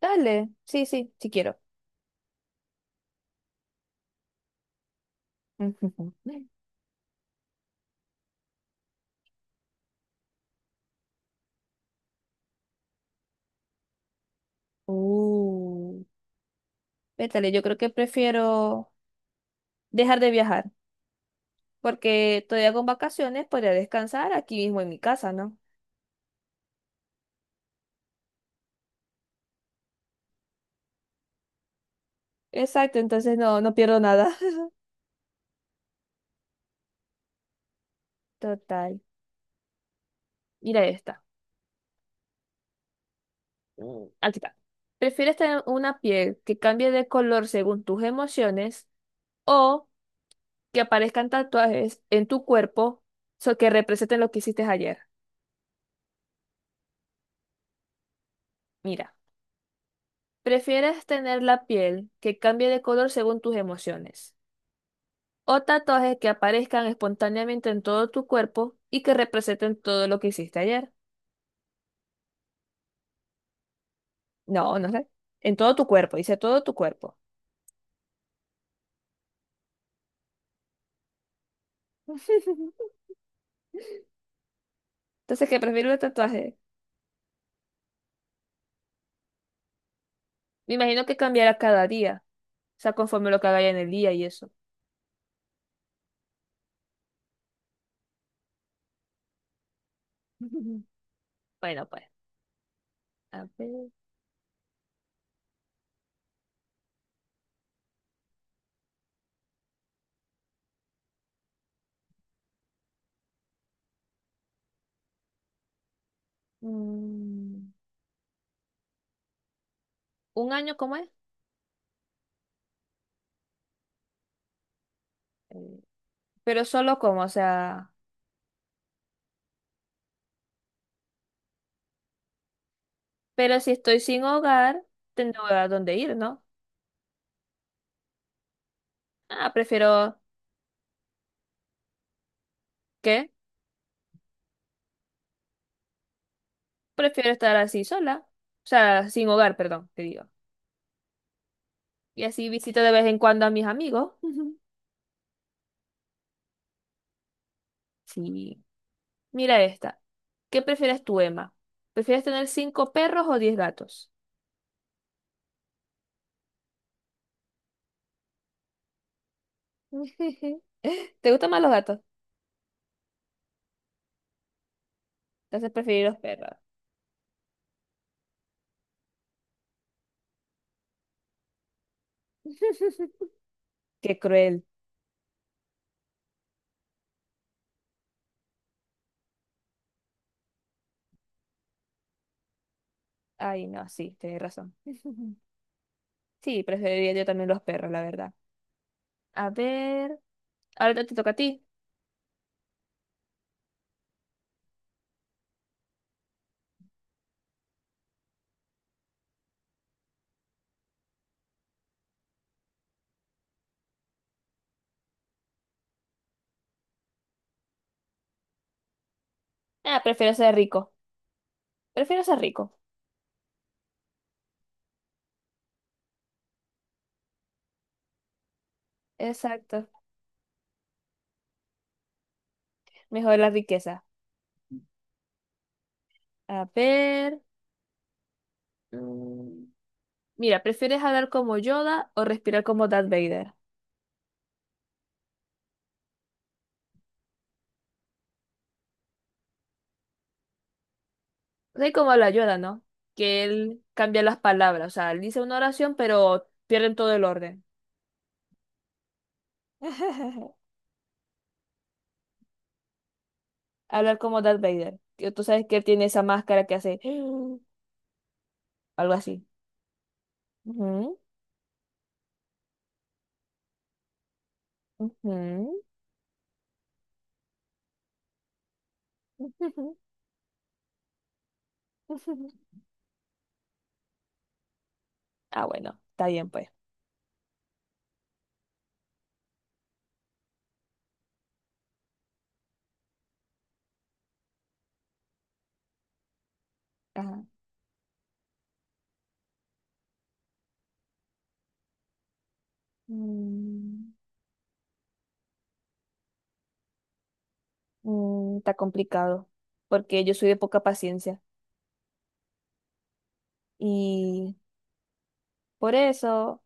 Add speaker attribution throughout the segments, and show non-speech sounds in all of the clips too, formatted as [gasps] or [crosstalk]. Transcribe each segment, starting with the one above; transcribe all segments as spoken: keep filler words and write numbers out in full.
Speaker 1: Dale, sí, sí, sí quiero. [laughs] Ujú. Uh, vétale, yo creo que prefiero dejar de viajar, porque todavía con vacaciones podría descansar aquí mismo en mi casa, ¿no? Exacto, entonces no, no pierdo nada. [laughs] Total. Mira esta. Mm, Aquí está. ¿Prefieres tener una piel que cambie de color según tus emociones o que aparezcan tatuajes en tu cuerpo so que representen lo que hiciste ayer? Mira. ¿Prefieres tener la piel que cambie de color según tus emociones? ¿O tatuajes que aparezcan espontáneamente en todo tu cuerpo y que representen todo lo que hiciste ayer? No, no sé. En todo tu cuerpo, dice todo tu cuerpo. [laughs] Entonces, ¿qué prefiero el tatuaje? Me imagino que cambiará cada día. O sea, conforme lo que haga en el día y eso. [laughs] Bueno, pues. A ver. mm, ¿Un año cómo es? Eh, Pero solo como, o sea. Pero si estoy sin hogar, tendré a dónde ir, ¿no? Ah, prefiero, ¿qué? Prefiero estar así sola. O sea, sin hogar, perdón, te digo. Y así visito de vez en cuando a mis amigos. [laughs] Sí. Mira esta. ¿Qué prefieres tú, Emma? ¿Prefieres tener cinco perros o diez gatos? [laughs] ¿Te gustan más los gatos? Entonces preferir los perros. [laughs] Qué cruel. Ay, no, sí, tienes razón. [laughs] Sí, preferiría yo también los perros, la verdad. A ver, ahora te toca a ti. Ah, prefiero ser rico. Prefiero ser rico. Exacto. Mejor la riqueza. A ver. mm, Mira, ¿prefieres hablar como Yoda o respirar como Darth Vader? Sé cómo habla Yoda, ¿no? Que él cambia las palabras. O sea, él dice una oración, pero pierden todo el orden. [laughs] Hablar como Darth Vader. Que tú sabes que él tiene esa máscara que hace [gasps] algo así. Ujú, ujú, ujú, ujú. [laughs] Ah, bueno, está bien, pues. Ajá. Mm, mm, está complicado, porque yo soy de poca paciencia. Y por eso.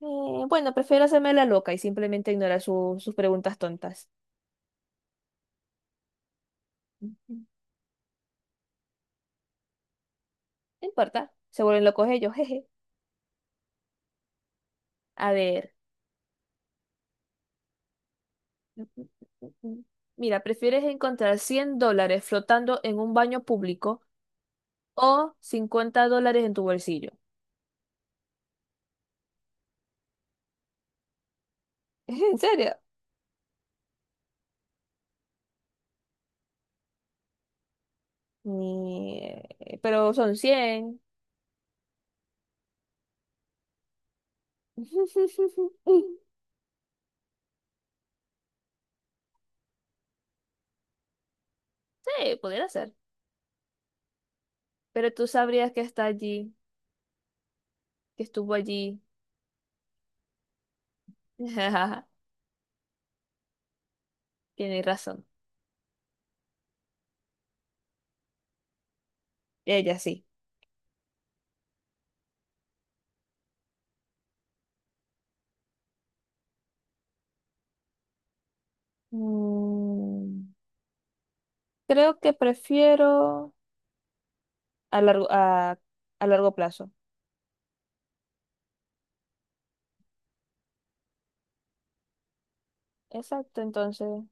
Speaker 1: Eh, bueno, prefiero hacerme la loca y simplemente ignorar su- sus preguntas tontas. Ujú. No importa, se vuelven locos ellos, jeje. A ver. Mira, ¿prefieres encontrar cien dólares flotando en un baño público o cincuenta dólares en tu bolsillo? [laughs] ¿En serio? Ni- Pero son cien. [laughs] Sí, pudiera ser. Pero tú sabrías que está allí, que estuvo allí. [laughs] Tienes razón. Ella sí. Mm. Creo que prefiero a largo, a, a largo plazo. Exacto, entonces,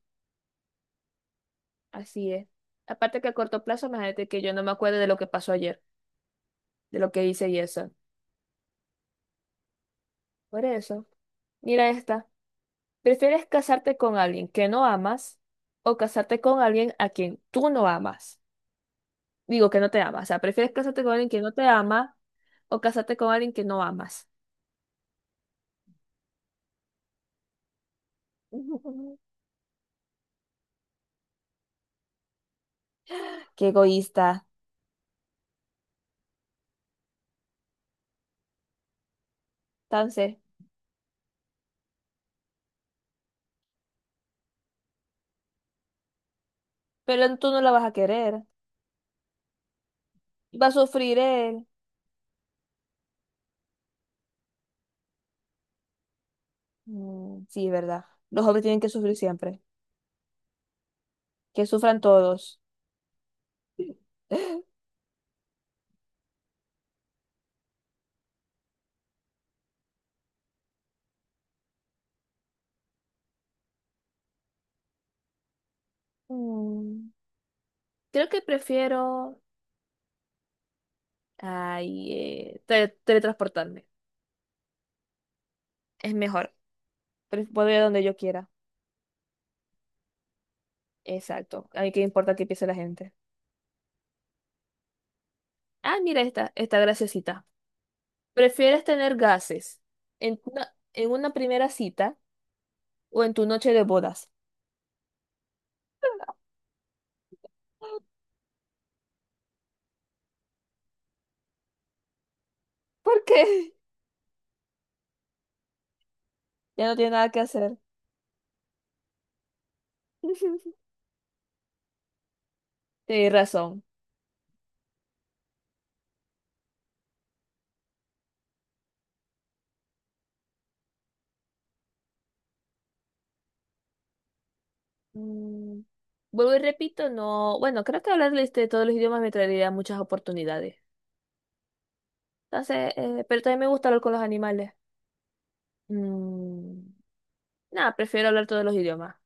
Speaker 1: así es. Aparte que a corto plazo, imagínate que yo no me acuerdo de lo que pasó ayer, de lo que hice y eso. Por eso, mira esta. ¿Prefieres casarte con alguien que no amas o casarte con alguien a quien tú no amas? Digo que no te amas. O sea, ¿prefieres casarte con alguien que no te ama o casarte con alguien que no amas? [laughs] Qué egoísta. Entonces, pero tú no la vas a querer. Va a sufrir él. Mm, sí, verdad. Los hombres tienen que sufrir siempre. Que sufran todos. [laughs] Mm, creo que prefiero ay, eh, tele- teletransportarme. Es mejor. Pre- Puedo ir a donde yo quiera. Exacto. A mí qué importa qué piense la gente. Ah, mira esta, esta graciosita. ¿Prefieres tener gases en una, en una primera cita o en tu noche de bodas? [gasps] ¿Por qué? Ya no tiene nada que hacer. [laughs] Tienes razón. Mm, vuelvo y repito, no, bueno, creo que hablar este, todos los idiomas me traería muchas oportunidades. Entonces, eh, pero también me gusta hablar con los animales. Mm, nada, prefiero hablar todos los idiomas.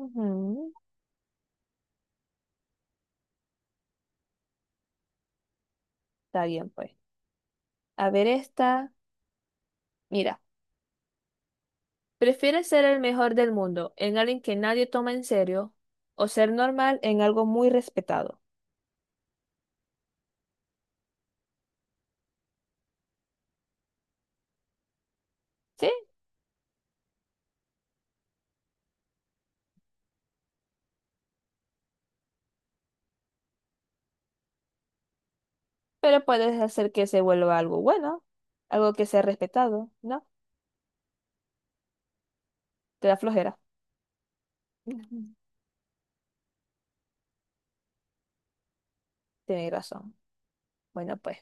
Speaker 1: Ujú. Está bien, pues. A ver esta. Mira, ¿prefieres ser el mejor del mundo en alguien que nadie toma en serio o ser normal en algo muy respetado? Sí, pero puedes hacer que se vuelva algo bueno, algo que sea respetado, ¿no? Te da flojera. Ujú. Tienes razón. Bueno, pues.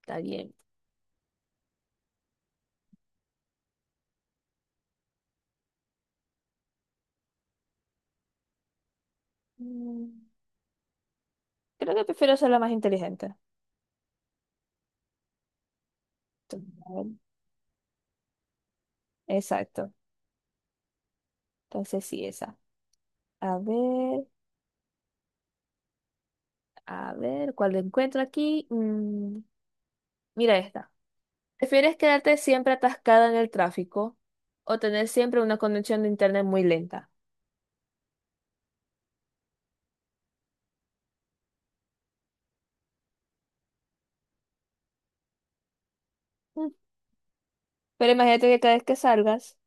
Speaker 1: Está bien. Mm, Creo que prefiero ser la más inteligente. Entonces, exacto. Entonces sí, esa. A ver, a ver, ¿cuál encuentro aquí? Mm, mira esta. ¿Prefieres quedarte siempre atascada en el tráfico o tener siempre una conexión de internet muy lenta? Mm, Pero imagínate que cada vez que salgas,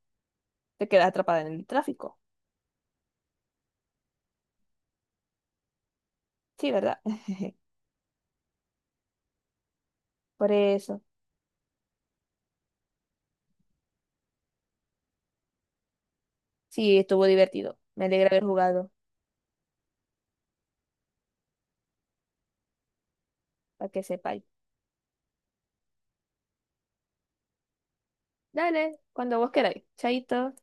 Speaker 1: te quedas atrapada en el tráfico. Sí, ¿verdad? [laughs] Por eso. Sí, estuvo divertido. Me alegra haber jugado, para que sepáis. Dale, cuando vos queráis. Chaito.